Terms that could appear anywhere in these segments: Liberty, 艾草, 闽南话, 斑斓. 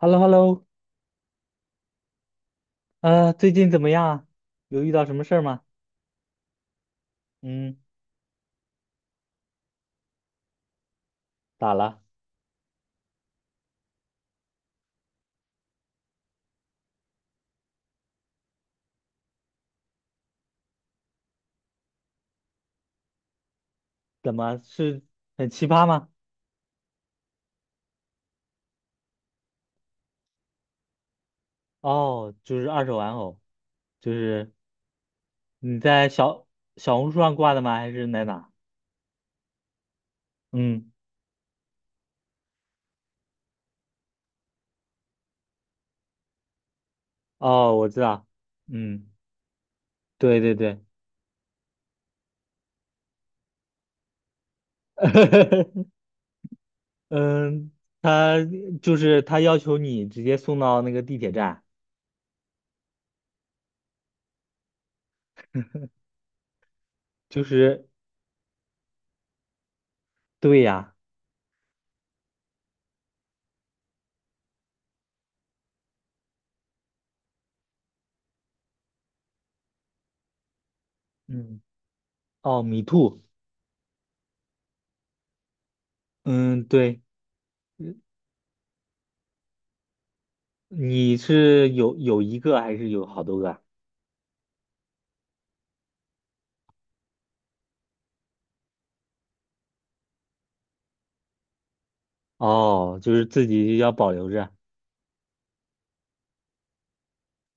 h e l l o h e l l o 最近怎么样啊？有遇到什么事儿吗？嗯，咋了？怎么是很奇葩吗？哦，就是二手玩偶，就是你在小红书上挂的吗？还是在哪？嗯，哦，我知道，嗯，对对对，嗯，他就是他要求你直接送到那个地铁站，就是对呀，嗯，哦，米兔，嗯，对，你是有一个还是有好多个啊？哦，就是自己要保留着，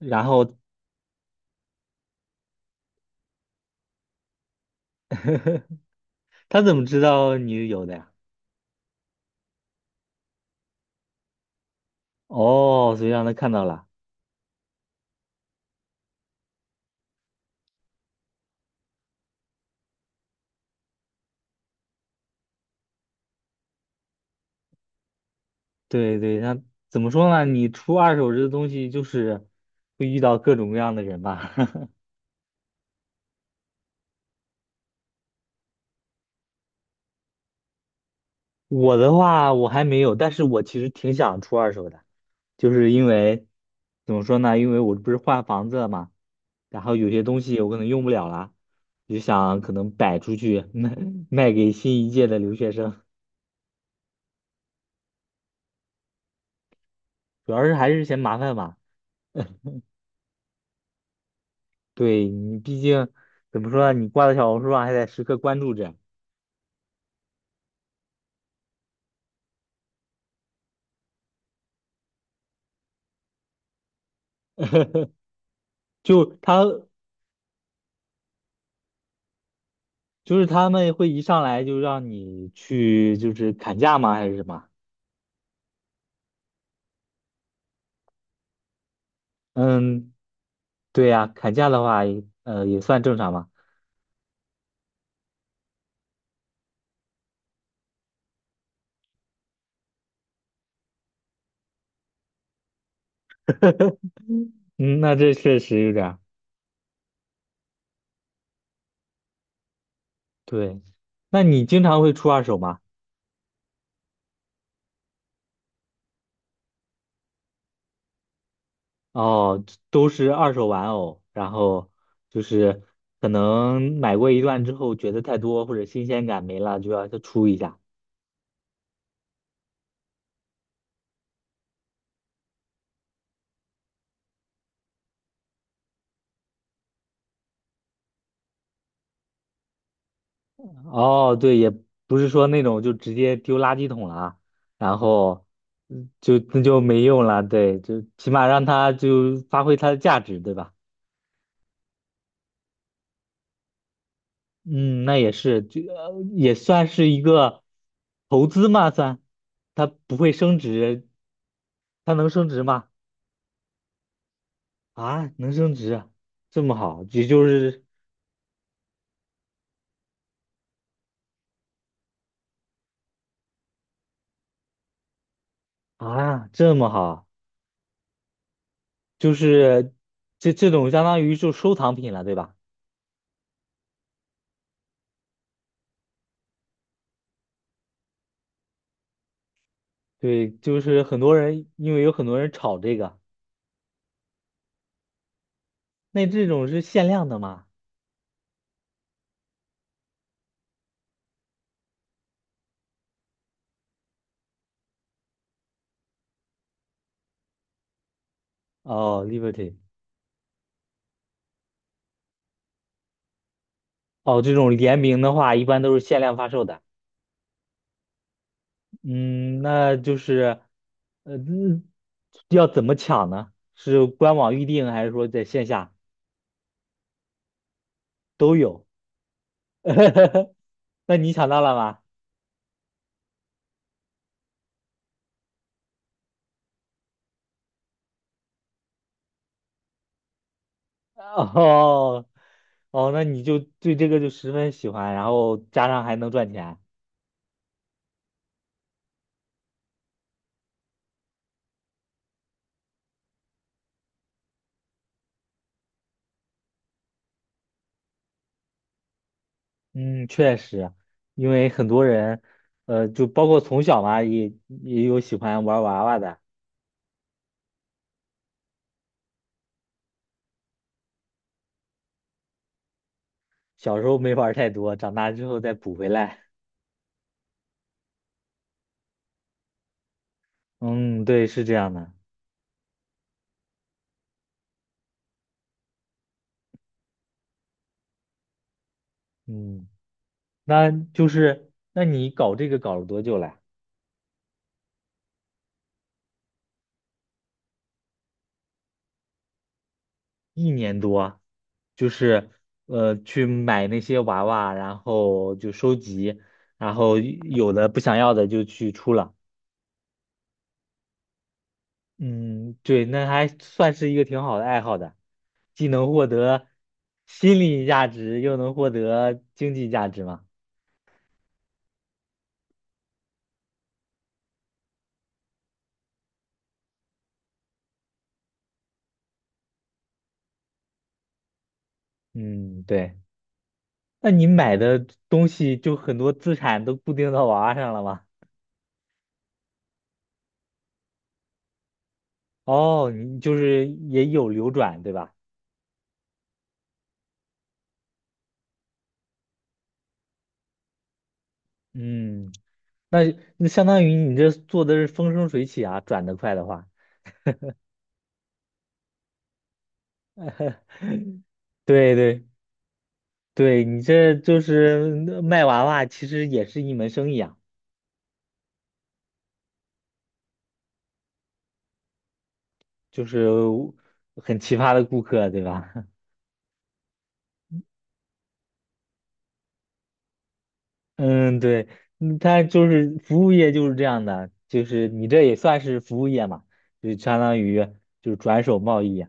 然后他怎么知道你有的呀？哦，所以让他看到了。对对，那怎么说呢？你出二手这个东西，就是会遇到各种各样的人吧。我的话，我还没有，但是我其实挺想出二手的，就是因为怎么说呢？因为我不是换房子了嘛，然后有些东西我可能用不了了，就想可能摆出去卖给新一届的留学生，主要是还是嫌麻烦吧。对你毕竟怎么说呢，你挂在小红书上还得时刻关注着，就他就是他们会一上来就让你去就是砍价吗？还是什么？嗯，对呀、砍价的话，呃，也算正常嘛。嗯，嗯那这确实有点儿对。那你经常会出二手吗？哦，都是二手玩偶，然后就是可能买过一段之后觉得太多或者新鲜感没了，就要再出一下。哦，对，也不是说那种就直接丢垃圾桶了，然后嗯就那就没用了，对，就起码让它就发挥它的价值，对吧？嗯，那也是，也算是一个投资嘛，算，它不会升值，它能升值吗？啊，能升值啊这么好，也就是啊，这么好，就是这种相当于就收藏品了，对吧？对，就是很多人，因为有很多人炒这个。那这种是限量的吗？哦，Liberty，哦，这种联名的话，一般都是限量发售的。嗯，那就是，呃，嗯要怎么抢呢？是官网预定，还是说在线下都有？那你抢到了吗？哦，哦，那你就对这个就十分喜欢，然后加上还能赚钱。嗯，确实，因为很多人，就包括从小嘛，也有喜欢玩娃娃的。小时候没玩儿太多，长大之后再补回来。嗯，对，是这样的。嗯，那就是，那你搞这个搞了多久了？一年多，就是去买那些娃娃，然后就收集，然后有的不想要的就去出了。嗯，对，那还算是一个挺好的爱好的，既能获得心理价值，又能获得经济价值嘛。嗯，对。那你买的东西就很多资产都固定到娃娃上了吗？哦，你就是也有流转，对吧？嗯，那那相当于你这做的是风生水起啊，转得快的话，对对对，你这就是卖娃娃，其实也是一门生意啊，就是很奇葩的顾客，对吧？嗯，对，嗯它就是服务业就是这样的，就是你这也算是服务业嘛，就相当于就是转手贸易，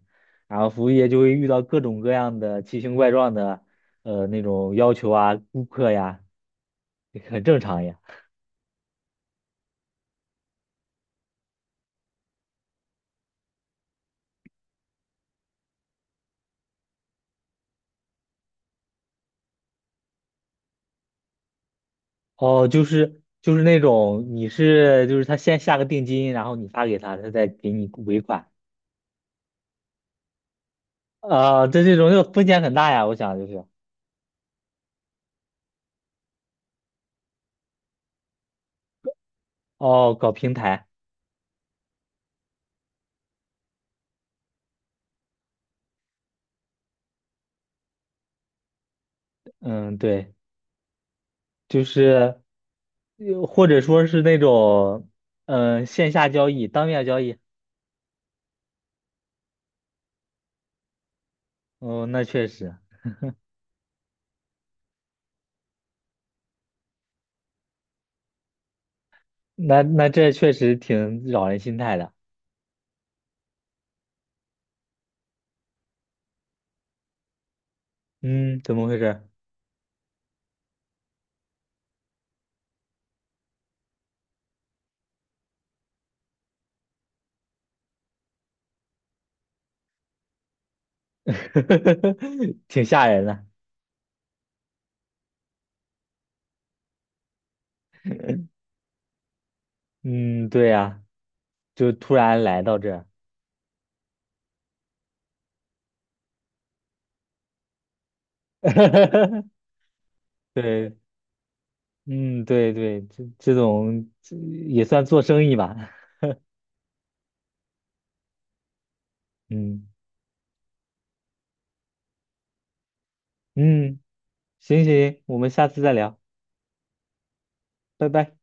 然后服务业就会遇到各种各样的奇形怪状的那种要求啊，顾客呀，也很正常呀。哦，就是就是那种你是就是他先下个定金，然后你发给他，他再给你尾款啊，这种就风险很大呀，我想就是哦，搞平台，嗯，对。就是，又或者说是那种，线下交易、当面交易。哦，那确实，那那这确实挺扰人心态的。嗯，怎么回事？挺吓人的。嗯，对呀、就突然来到这儿。对，嗯，对对，这种这也算做生意吧。嗯嗯，行行，我们下次再聊，拜拜。